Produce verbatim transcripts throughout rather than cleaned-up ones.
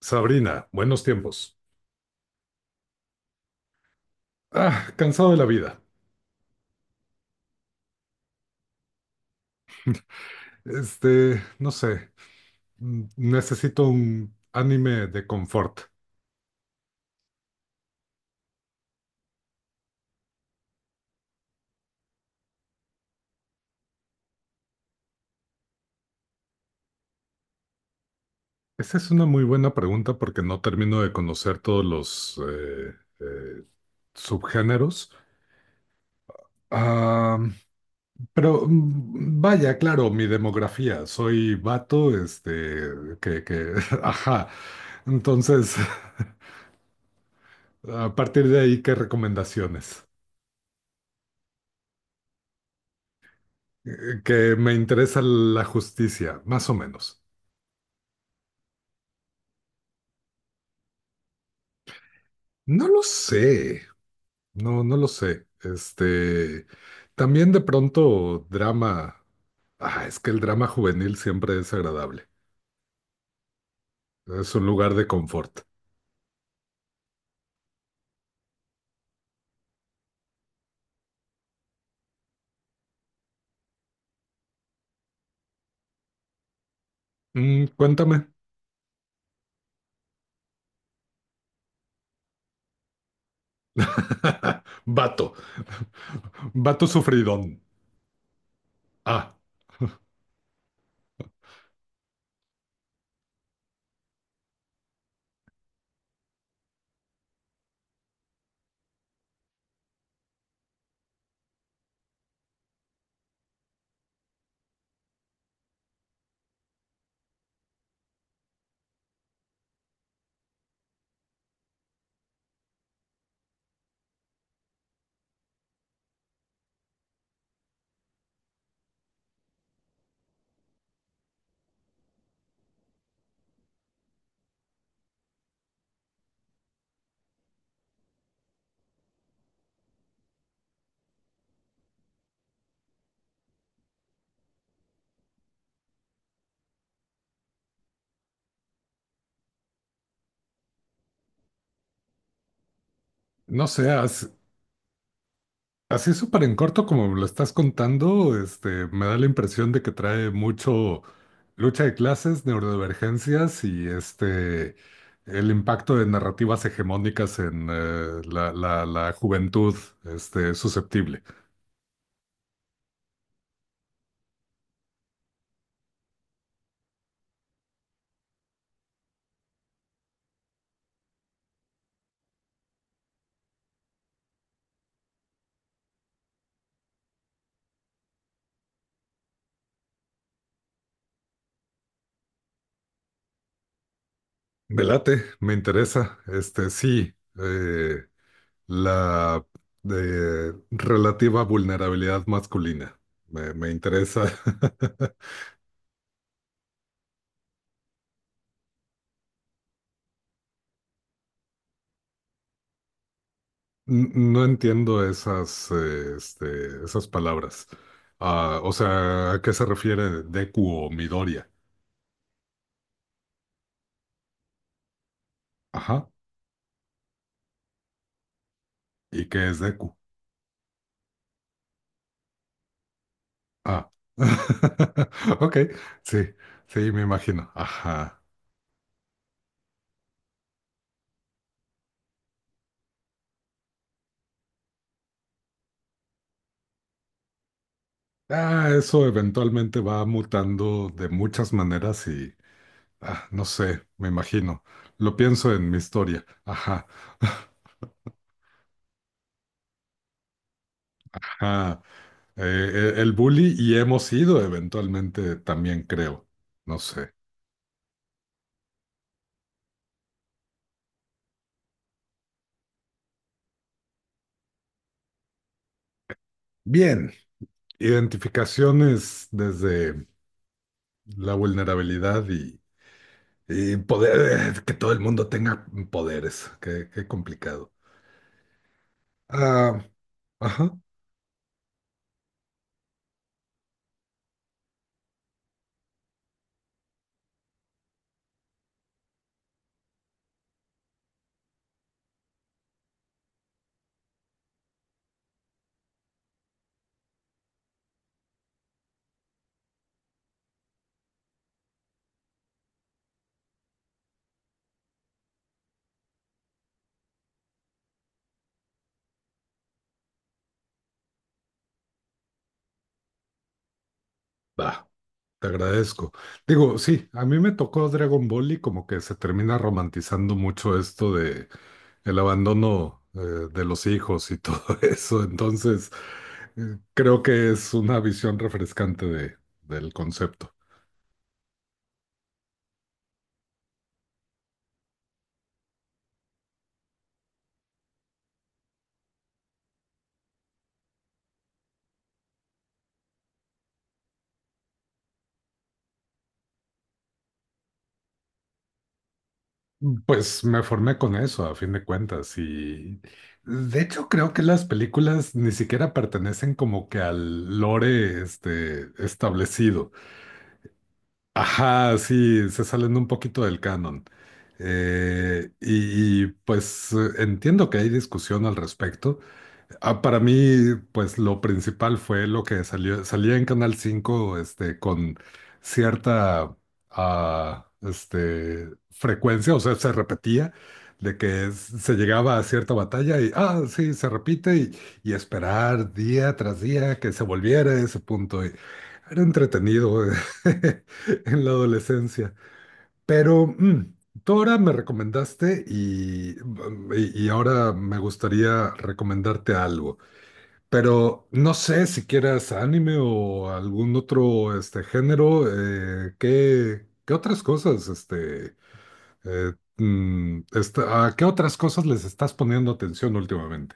Sabrina, buenos tiempos. Ah, cansado de la vida. Este, no sé, mm, necesito un anime de confort. Esa es una muy buena pregunta porque no termino de conocer todos los eh, eh, subgéneros. Ah, pero mm, vaya, claro, mi demografía. Soy vato, este, que, que, ajá. Entonces, a partir de ahí, ¿qué recomendaciones? Eh, Que me interesa la justicia, más o menos. No lo sé, no, no lo sé. Este, también de pronto drama. Ah, es que el drama juvenil siempre es agradable. Es un lugar de confort. Mm, cuéntame. Vato, vato sufridón. Ah, no seas. Así súper en corto como me lo estás contando, este, me da la impresión de que trae mucho lucha de clases, neurodivergencias y este, el impacto de narrativas hegemónicas en eh, la, la- la juventud este, susceptible. Me late, me interesa. Este, sí, eh, la de relativa vulnerabilidad masculina. Me, me interesa. N- No entiendo esas, eh, este, esas palabras. Ah, o sea, ¿a qué se refiere Deku o Midoriya? Ajá. ¿Y qué es Deku? Ah. Ok, sí, sí, me imagino. Ajá. Ah, eso eventualmente va mutando de muchas maneras y, ah, no sé, me imagino. Lo pienso en mi historia. Ajá. Ajá. Eh, eh, el bully y hemos ido eventualmente también, creo. No sé. Bien. Identificaciones desde la vulnerabilidad y, y poder, eh, que todo el mundo tenga poderes. Qué, qué complicado. Ah, ajá, va, te agradezco. Digo, sí, a mí me tocó Dragon Ball y como que se termina romantizando mucho esto de el abandono eh, de los hijos y todo eso. Entonces, eh, creo que es una visión refrescante de, del concepto. Pues me formé con eso, a fin de cuentas, y de hecho creo que las películas ni siquiera pertenecen como que al lore este, establecido. Ajá, sí, se salen un poquito del canon. Eh, y, y, pues eh, entiendo que hay discusión al respecto. Ah, para mí, pues lo principal fue lo que salió, salía en Canal cinco este, con cierta, ah, este, frecuencia, o sea, se repetía, de que es- se llegaba a cierta batalla y, ah, sí, se repite y, y esperar día tras día que se volviera a ese punto. Y era entretenido en la adolescencia. Pero mm, tú ahora me recomendaste y, y y ahora me gustaría recomendarte algo. Pero no sé si quieras anime o algún otro este género, eh, ¿qué, qué otras cosas, este, eh, mm, esta- a qué otras cosas les estás poniendo atención últimamente?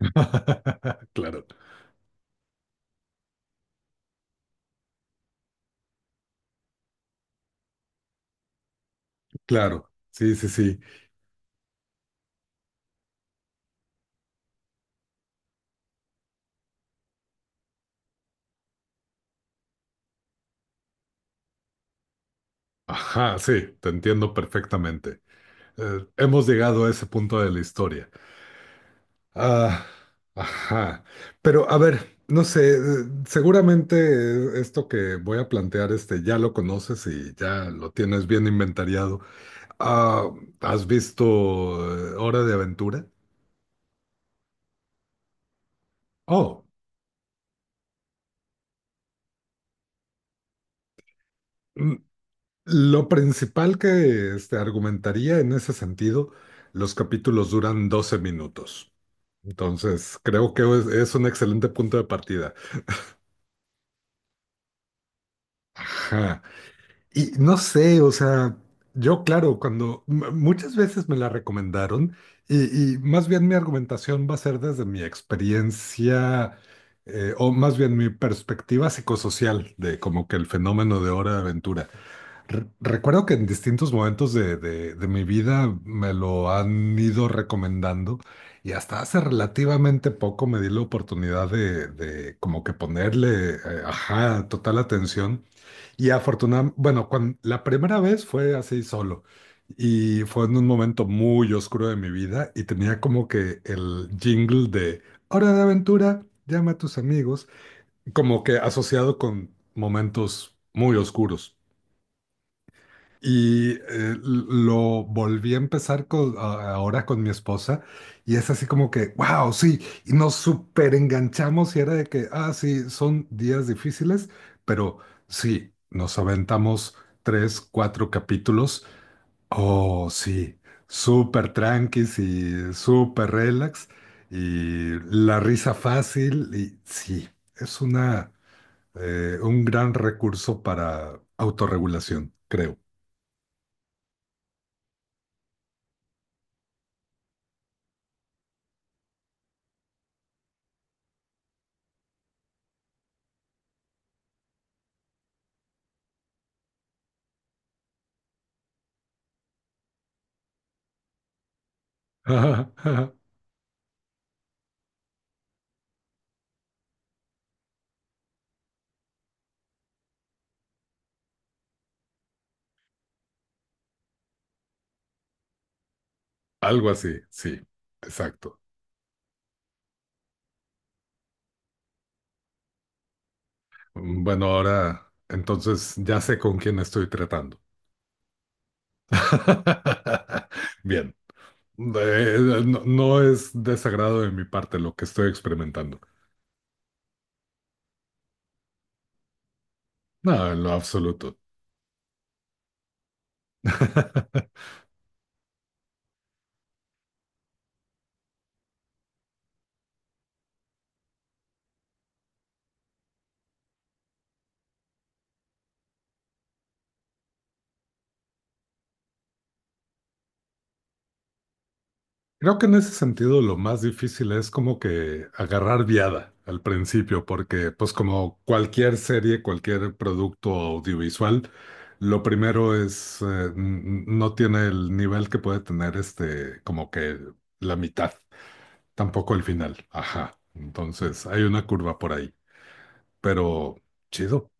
Claro, claro, sí, sí, sí. Ajá, sí, te entiendo perfectamente. Eh, hemos llegado a ese punto de la historia. Ah, ajá. Pero a ver, no sé, eh, seguramente eh, esto que voy a plantear, este, ya lo conoces y ya lo tienes bien inventariado. Ah, ¿has visto eh, Hora de Aventura? Oh, mm, lo principal que este, argumentaría en ese sentido, los capítulos duran doce minutos. Entonces, creo que es es un excelente punto de partida. Ajá. Y no sé, o sea, yo claro, cuando m- muchas veces me la recomendaron y, y más bien mi argumentación va a ser desde mi experiencia eh, o más bien mi perspectiva psicosocial de como que el fenómeno de Hora de Aventura. Re- Recuerdo que en distintos momentos de, de- de mi vida me lo han ido recomendando y hasta hace relativamente poco me di la oportunidad de, de como que ponerle, eh, ajá, total atención. Y afortunadamente, bueno, cuan- la primera vez fue así solo y fue en un momento muy oscuro de mi vida y tenía como que el jingle de Hora de aventura, llama a tus amigos, como que asociado con momentos muy oscuros. Y eh, lo volví a empezar con- a- ahora con mi esposa y es así como que, wow, sí, y nos súper enganchamos y era de que, ah, sí, son días difíciles, pero sí, nos aventamos tres, cuatro capítulos, oh, sí, súper tranquis y súper relax y la risa fácil y sí, es una, eh, un gran recurso para autorregulación, creo. Ajá, ajá. Algo así, sí, exacto. Mm, bueno, ahora entonces ya sé con quién estoy tratando. Bien, Eh, no, no es desagrado de mi parte lo que estoy experimentando. No, en lo absoluto. Creo que en ese sentido lo más difícil es como que agarrar viada al principio, porque pues como cualquier serie, cualquier producto audiovisual, lo primero es, eh, n- no tiene el nivel que puede tener este, como que la mitad, tampoco el final. Ajá. Entonces hay una curva por ahí, pero chido.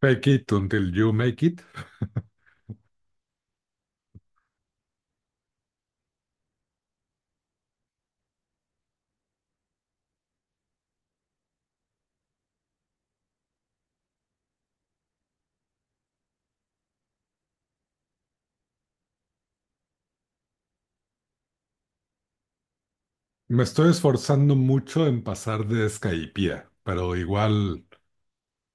Fake it until you make it. Me estoy esforzando mucho en pasar de Skypiea, pero igual.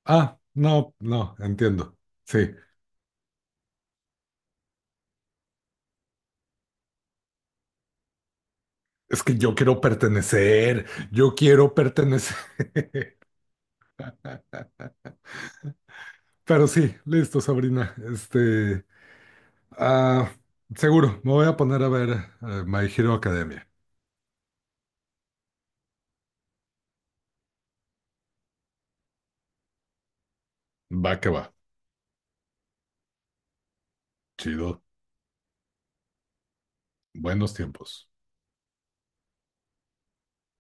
Ah, no, no, entiendo. Sí, es que yo quiero pertenecer, yo quiero pertenecer. Pero sí, listo, Sabrina. Este, ah, seguro, me voy a poner a ver eh, My Hero Academia. Va que va, chido, buenos tiempos.